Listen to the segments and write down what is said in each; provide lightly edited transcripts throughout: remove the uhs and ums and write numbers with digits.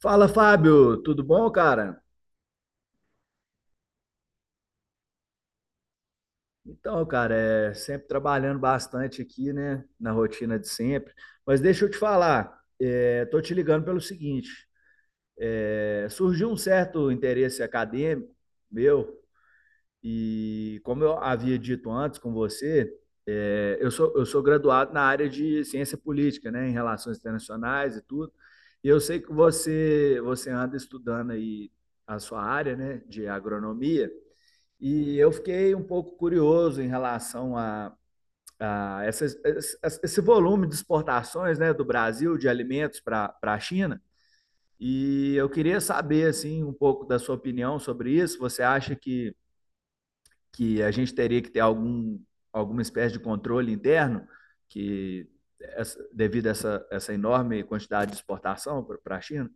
Fala, Fábio, tudo bom, cara? Então, cara, é sempre trabalhando bastante aqui, né, na rotina de sempre. Mas deixa eu te falar, tô te ligando pelo seguinte: surgiu um certo interesse acadêmico meu, e como eu havia dito antes com você, eu sou graduado na área de ciência política, né, em relações internacionais e tudo. E eu sei que você anda estudando aí a sua área, né, de agronomia. E eu fiquei um pouco curioso em relação a esse volume de exportações, né, do Brasil, de alimentos para a China. E eu queria saber assim, um pouco da sua opinião sobre isso. Você acha que a gente teria que ter algum, alguma espécie de controle interno que devido a essa enorme quantidade de exportação para a China?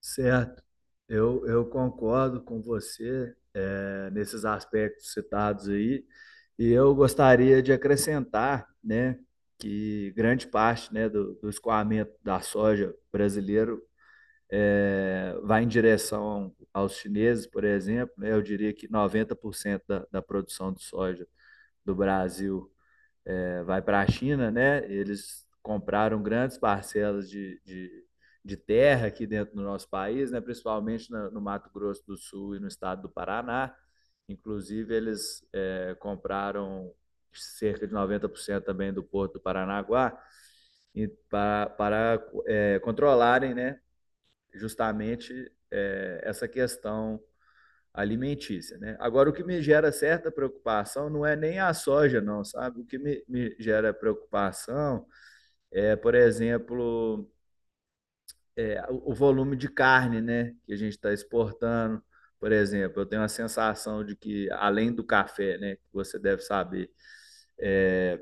Certo, eu concordo com você nesses aspectos citados aí, e eu gostaria de acrescentar, né, que grande parte, né, do escoamento da soja brasileiro vai em direção aos chineses, por exemplo, né, eu diria que 90% da produção de soja do Brasil vai para a China, né? Eles compraram grandes parcelas de terra aqui dentro do nosso país, né? Principalmente no Mato Grosso do Sul e no estado do Paraná. Inclusive, eles compraram cerca de 90% também do porto do Paranaguá e para controlarem, né? Justamente essa questão alimentícia, né? Agora, o que me gera certa preocupação não é nem a soja, não, sabe? O que me gera preocupação é, por exemplo, o volume de carne, né, que a gente está exportando. Por exemplo, eu tenho a sensação de que, além do café, né, que você deve saber, é,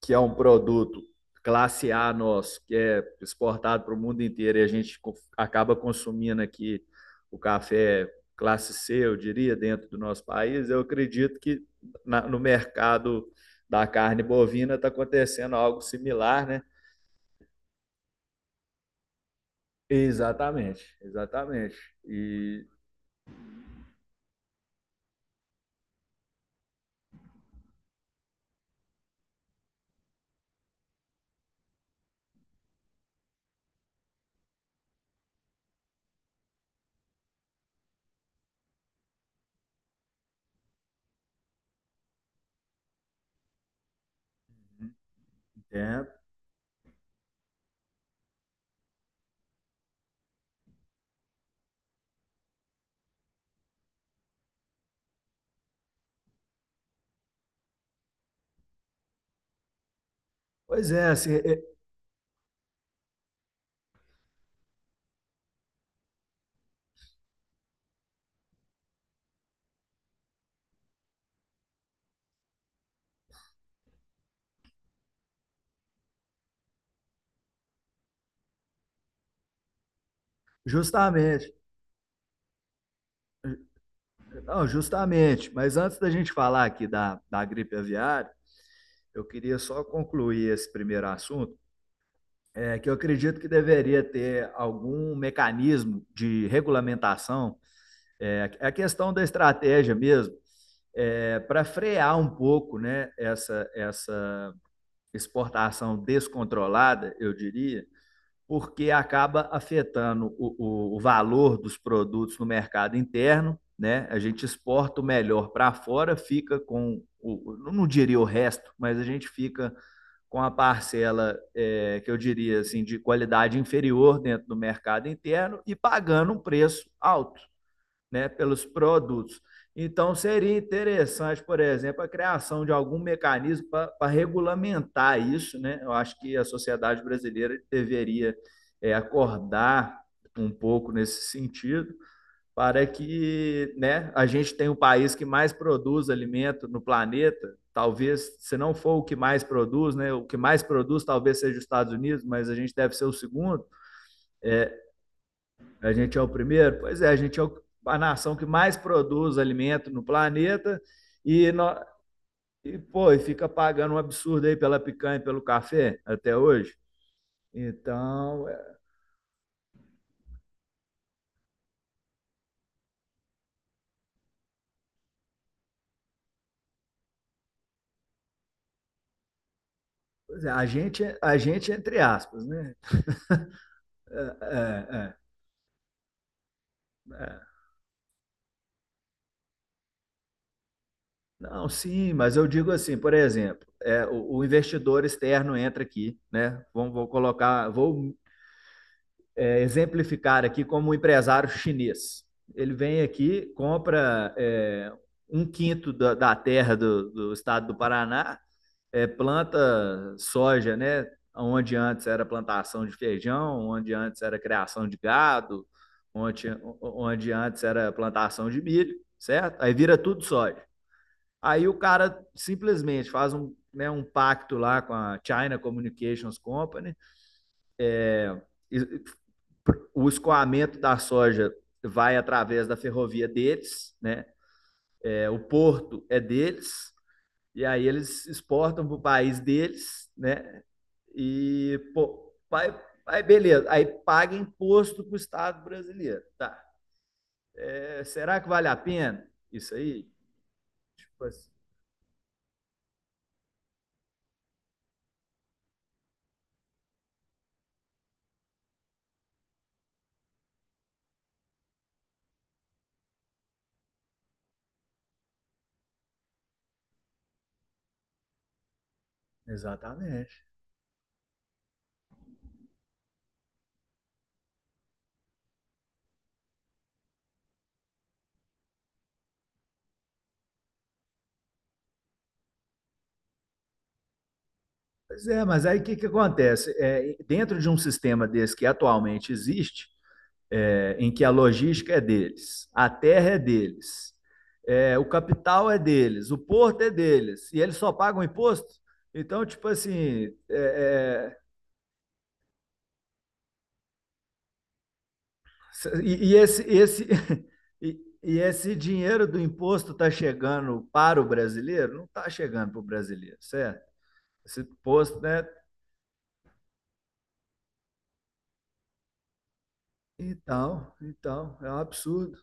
que é um produto classe A nosso, que é exportado para o mundo inteiro e a gente acaba consumindo aqui o café classe C, eu diria, dentro do nosso país. Eu acredito que no mercado da carne bovina está acontecendo algo similar, né? Exatamente, exatamente. E é, pois é, assim, é, justamente, não, justamente. Mas antes da gente falar aqui da gripe aviária, eu queria só concluir esse primeiro assunto. Que eu acredito que deveria ter algum mecanismo de regulamentação, é é a questão da estratégia mesmo, para frear um pouco, né, essa exportação descontrolada, eu diria, porque acaba afetando o valor dos produtos no mercado interno. Né? A gente exporta o melhor para fora, fica com o, não diria o resto, mas a gente fica com a parcela que eu diria assim de qualidade inferior dentro do mercado interno e pagando um preço alto, né, pelos produtos. Então seria interessante, por exemplo, a criação de algum mecanismo para regulamentar isso, né? Eu acho que a sociedade brasileira deveria acordar um pouco nesse sentido para que, né, a gente tenha o país que mais produz alimento no planeta. Talvez, se não for o que mais produz, né, o que mais produz talvez seja os Estados Unidos, mas a gente deve ser o segundo. A gente é o primeiro. Pois é, a gente é a nação que mais produz alimento no planeta e, no, e pô, e fica pagando um absurdo aí pela picanha e pelo café até hoje. Então, é, a gente é entre aspas, né? É, é, é, é. Não, sim, mas eu digo assim, por exemplo, o investidor externo entra aqui, né? Vamos, vou colocar, vou exemplificar aqui como um empresário chinês. Ele vem aqui, compra um quinto da terra do estado do Paraná, planta soja, né? Onde antes era plantação de feijão, onde antes era criação de gado, onde, onde antes era plantação de milho, certo? Aí vira tudo soja. Aí o cara simplesmente faz um, né, um pacto lá com a China Communications Company. E o escoamento da soja vai através da ferrovia deles, né? É, o porto é deles, e aí eles exportam para o país deles, né? E pô, beleza, aí paga imposto para o Estado brasileiro. Tá. É, será que vale a pena isso aí? Tipo assim, exatamente. Pois é, mas aí o que, que acontece? É, dentro de um sistema desse que atualmente existe, é, em que a logística é deles, a terra é deles, o capital é deles, o porto é deles, e eles só pagam imposto? Então, tipo assim, é, é, e, esse, e esse dinheiro do imposto está chegando para o brasileiro? Não está chegando para o brasileiro, certo? Esse imposto, né? Então, então, é um absurdo.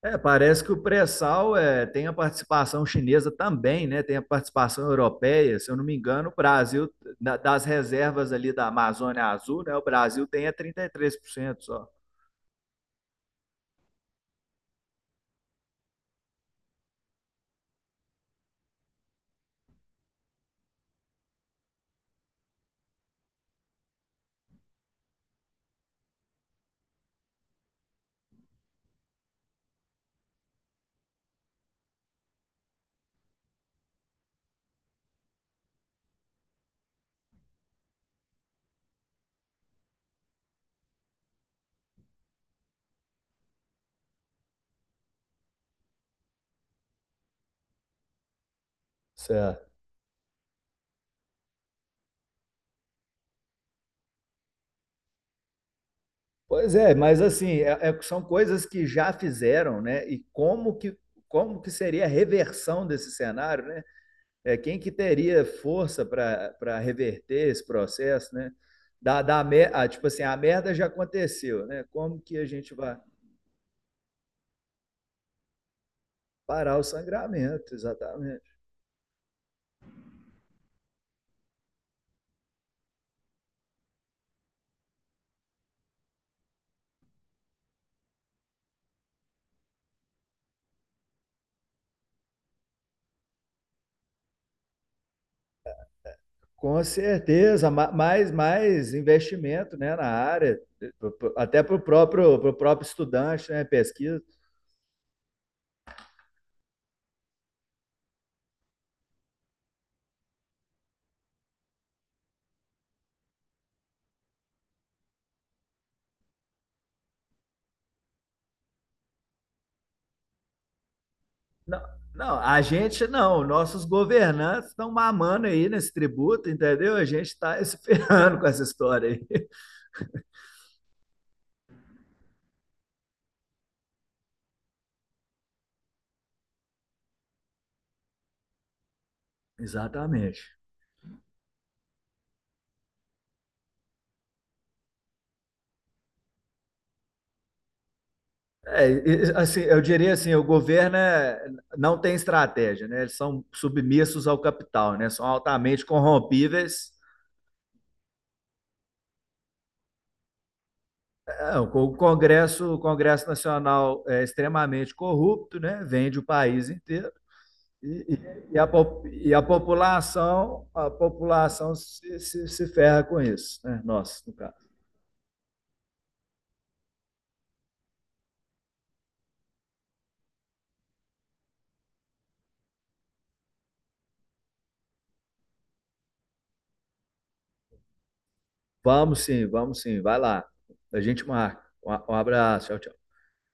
É, parece que o pré-sal tem a participação chinesa também, né? Tem a participação europeia. Se eu não me engano, o Brasil, da- das reservas ali da Amazônia Azul, né? O Brasil tem é 33%, só. Certo. Pois é, mas assim, é- é- são coisas que já fizeram, né? Como que seria a reversão desse cenário, né? É, quem que teria força para reverter esse processo, né? Tipo assim, a merda já aconteceu, né? Como que a gente vai. Parar o sangramento, exatamente. Com certeza, mais investimento, né, na área, até para o próprio, pro próprio estudante, né, pesquisa. Não, não, a gente não, nossos governantes estão mamando aí nesse tributo, entendeu? A gente está esperando com essa história aí. Exatamente. É, assim, eu diria assim, o governo é- não tem estratégia, né? Eles são submissos ao capital, né? São altamente corrompíveis. Não, o Congresso Nacional é extremamente corrupto, né? Vende o país inteiro e, e, a, e a população, a população se ferra com isso, né? Nós, no caso. Vamos sim, vai lá. A gente marca. Um abraço, tchau, tchau.